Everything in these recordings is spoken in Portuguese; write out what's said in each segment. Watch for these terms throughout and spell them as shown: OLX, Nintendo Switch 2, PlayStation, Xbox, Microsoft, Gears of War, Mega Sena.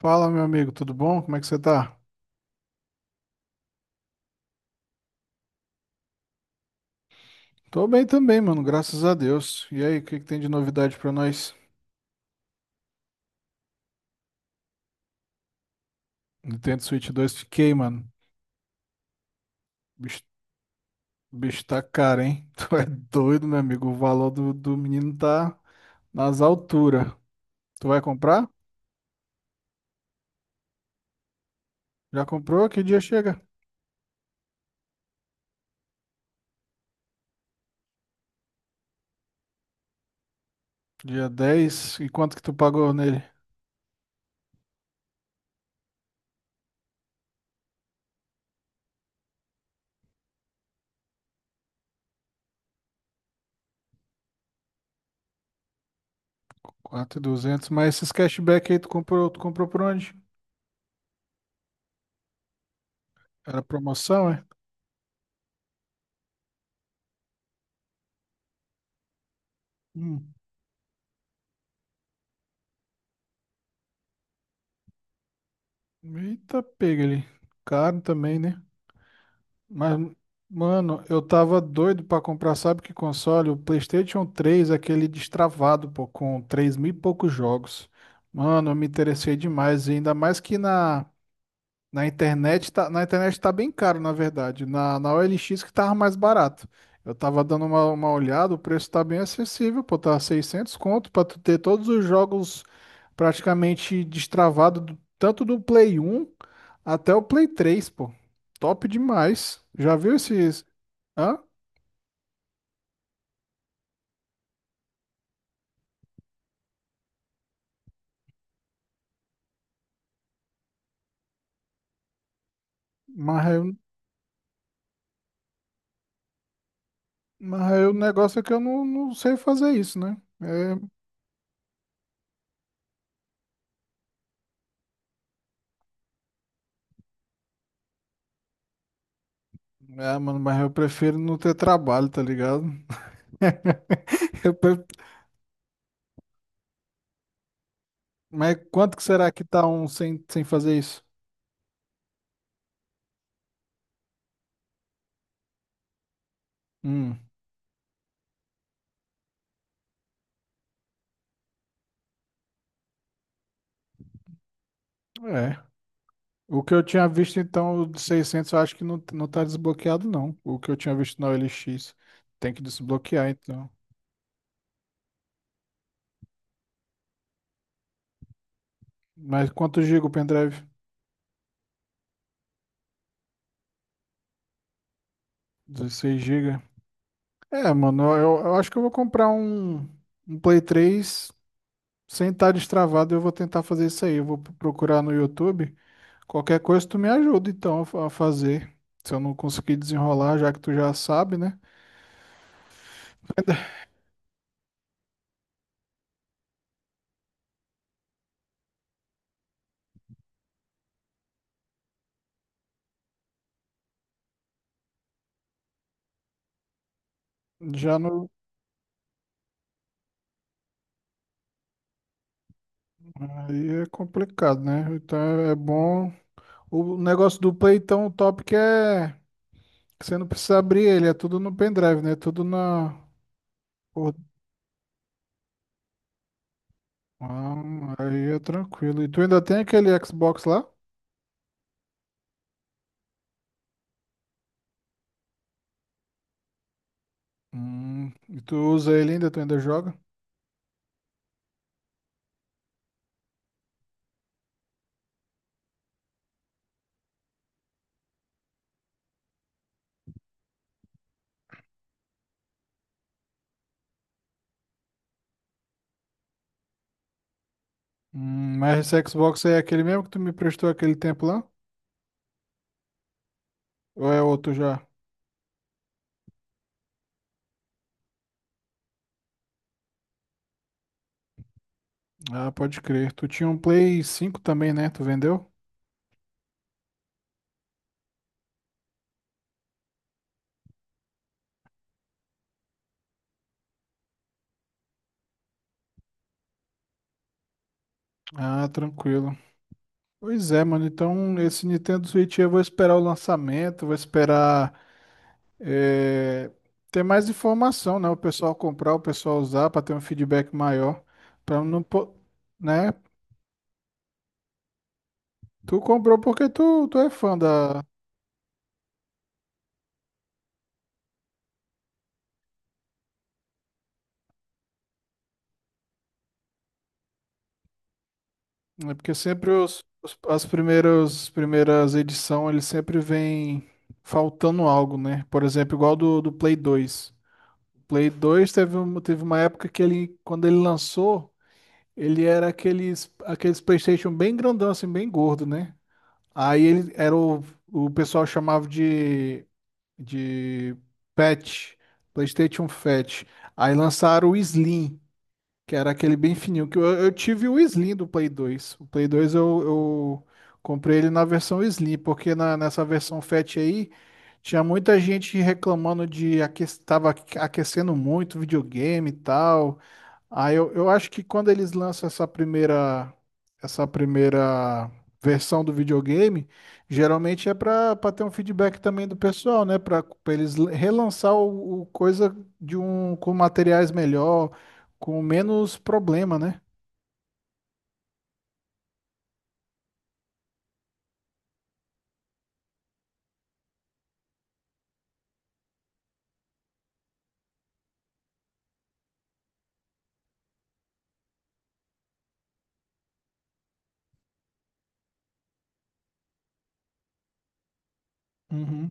Fala, meu amigo, tudo bom? Como é que você tá? Tô bem também, mano, graças a Deus. E aí, o que que tem de novidade pra nós? Nintendo Switch 2, fiquei, mano. O bicho, o bicho tá caro, hein? Tu é doido, meu amigo. O valor do menino tá nas alturas. Tu vai comprar? Já comprou? Que dia chega? Dia 10. E quanto que tu pagou nele? 4.200. Mas esses cashback aí, tu comprou por onde? Era promoção, é? Hum. Eita, pega ele. Caro também, né? Mas, mano, eu tava doido pra comprar, sabe que console? O PlayStation 3 aquele destravado, pô, com 3 mil e poucos jogos. Mano, eu me interessei demais, e ainda mais que na internet tá bem caro, na verdade. Na OLX que tava mais barato. Eu tava dando uma olhada, o preço tá bem acessível, pô, tá 600 conto pra tu ter todos os jogos praticamente destravados, tanto do Play 1 até o Play 3, pô. Top demais. Já viu esses? Hã? Mas, eu- o negócio é que eu não sei fazer isso, né? É, é, mano, mas eu prefiro não ter trabalho, tá ligado? Eu, pre- Mas quanto que será que tá um sem fazer isso? Hum, é. O que eu tinha visto, então, o de 600 eu acho que não tá desbloqueado, não. O que eu tinha visto na OLX. Tem que desbloquear, então. Mas quanto giga o pendrive? 16 gigas. É, mano, eu acho que eu vou comprar um Play 3 sem estar destravado. Eu vou tentar fazer isso aí. Eu vou procurar no YouTube. Qualquer coisa, tu me ajuda, então, a fazer. Se eu não conseguir desenrolar, já que tu já sabe, né? Já não. Aí é complicado, né? Então é bom. O negócio do Play, então, o top que é que você não precisa abrir ele, é tudo no pendrive, né? Tudo na. por- Ah, aí é tranquilo. E tu ainda tem aquele Xbox lá? E tu usa ele ainda? Tu ainda joga? Mas esse Xbox aí é aquele mesmo que tu me prestou aquele tempo lá? Ou é outro já? Ah, pode crer. Tu tinha um Play 5 também, né? Tu vendeu? Ah, tranquilo. Pois é, mano. Então, esse Nintendo Switch eu vou esperar o lançamento, vou esperar eh, ter mais informação, né? O pessoal comprar, o pessoal usar, para ter um feedback maior. Para não, né? Tu comprou porque tu é fã da. É. Porque sempre as primeiras edições, eles sempre vêm faltando algo, né? Por exemplo, igual do Play 2. Play 2 teve, teve uma época que ele, quando ele lançou. Ele era aqueles, aqueles PlayStation bem grandão, assim, bem gordo, né? Aí ele era o pessoal chamava de Fat, PlayStation Fat. Aí lançaram o Slim, que era aquele bem fininho. Que eu tive o Slim do Play 2. O Play 2 eu comprei ele na versão Slim, porque na, nessa versão Fat aí tinha muita gente reclamando de que estava aquecendo muito o videogame e tal. Ah, eu acho que quando eles lançam essa primeira versão do videogame, geralmente é para ter um feedback também do pessoal, né? Para eles relançar o coisa de um com materiais melhor, com menos problema, né? Uhum.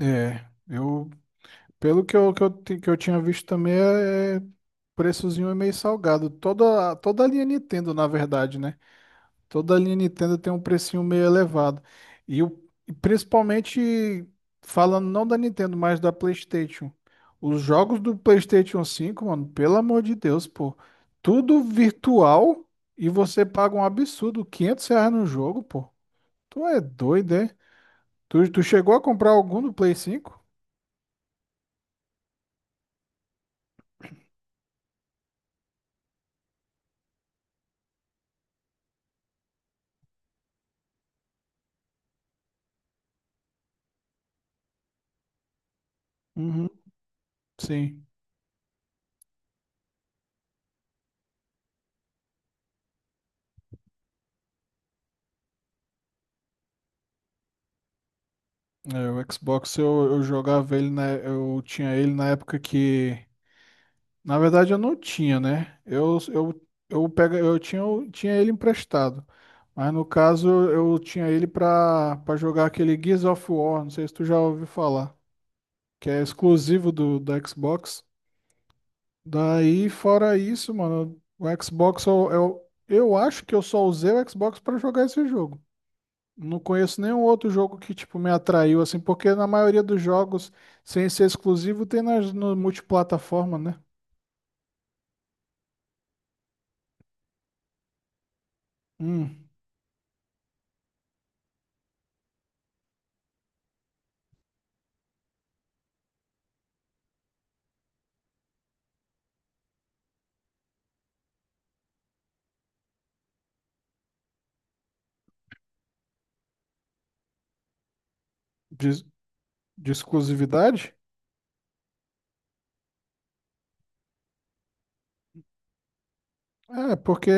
É, eu, pelo que eu, que eu tinha visto também, é o preçozinho é meio salgado. Toda a linha Nintendo, na verdade, né? Toda a linha Nintendo tem um precinho meio elevado. E, o, e principalmente, falando não da Nintendo, mas da PlayStation. Os jogos do PlayStation 5, mano, pelo amor de Deus, pô. Tudo virtual e você paga um absurdo, R$ 500 no jogo, pô. Tu é doido, é? Tu chegou a comprar algum do Play 5? Uhum. Sim. É, o Xbox eu jogava ele, eu tinha ele na época que. Na verdade, eu não tinha, né? Pega, eu tinha ele emprestado. Mas no caso, eu tinha ele pra jogar aquele Gears of War. Não sei se tu já ouviu falar. Que é exclusivo do, da Xbox. Daí, fora isso, mano, o Xbox, eu acho que eu só usei o Xbox pra jogar esse jogo. Não conheço nenhum outro jogo que, tipo, me atraiu, assim, porque na maioria dos jogos, sem ser exclusivo, tem nas, no multiplataforma, né? Hum. Diz- De exclusividade? É, porque,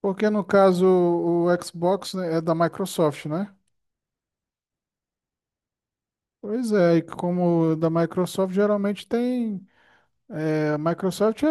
porque no caso o Xbox, né, é da Microsoft, né? Pois é, e como da Microsoft geralmente tem. É, a Microsoft é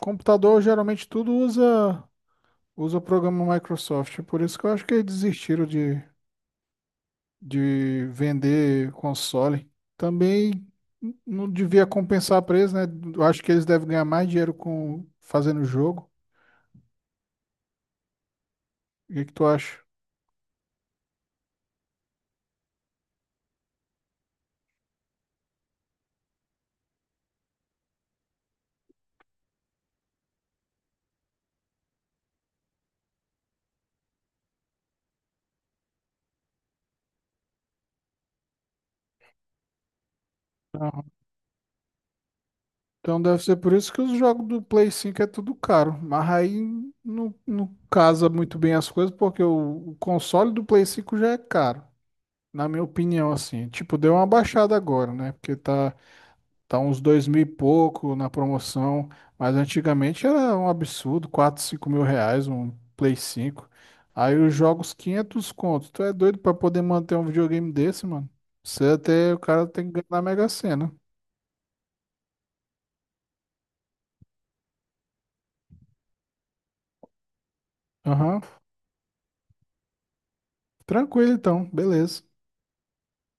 computador, geralmente tudo usa o programa Microsoft. Por isso que eu acho que eles desistiram de vender console. Também não devia compensar preço, né? Eu acho que eles devem ganhar mais dinheiro com fazendo jogo. O que que tu acha? Então deve ser por isso que os jogos do Play 5 é tudo caro. Mas aí não casa muito bem as coisas, porque o console do Play 5 já é caro, na minha opinião, assim. Tipo, deu uma baixada agora, né? Porque tá uns dois mil e pouco na promoção. Mas antigamente era um absurdo, 4, 5.000 reais um Play 5. Aí os jogos 500 contos. Tu é doido pra poder manter um videogame desse, mano? Você até, o cara tem que ganhar na Mega Sena. Aham. Tranquilo então, beleza.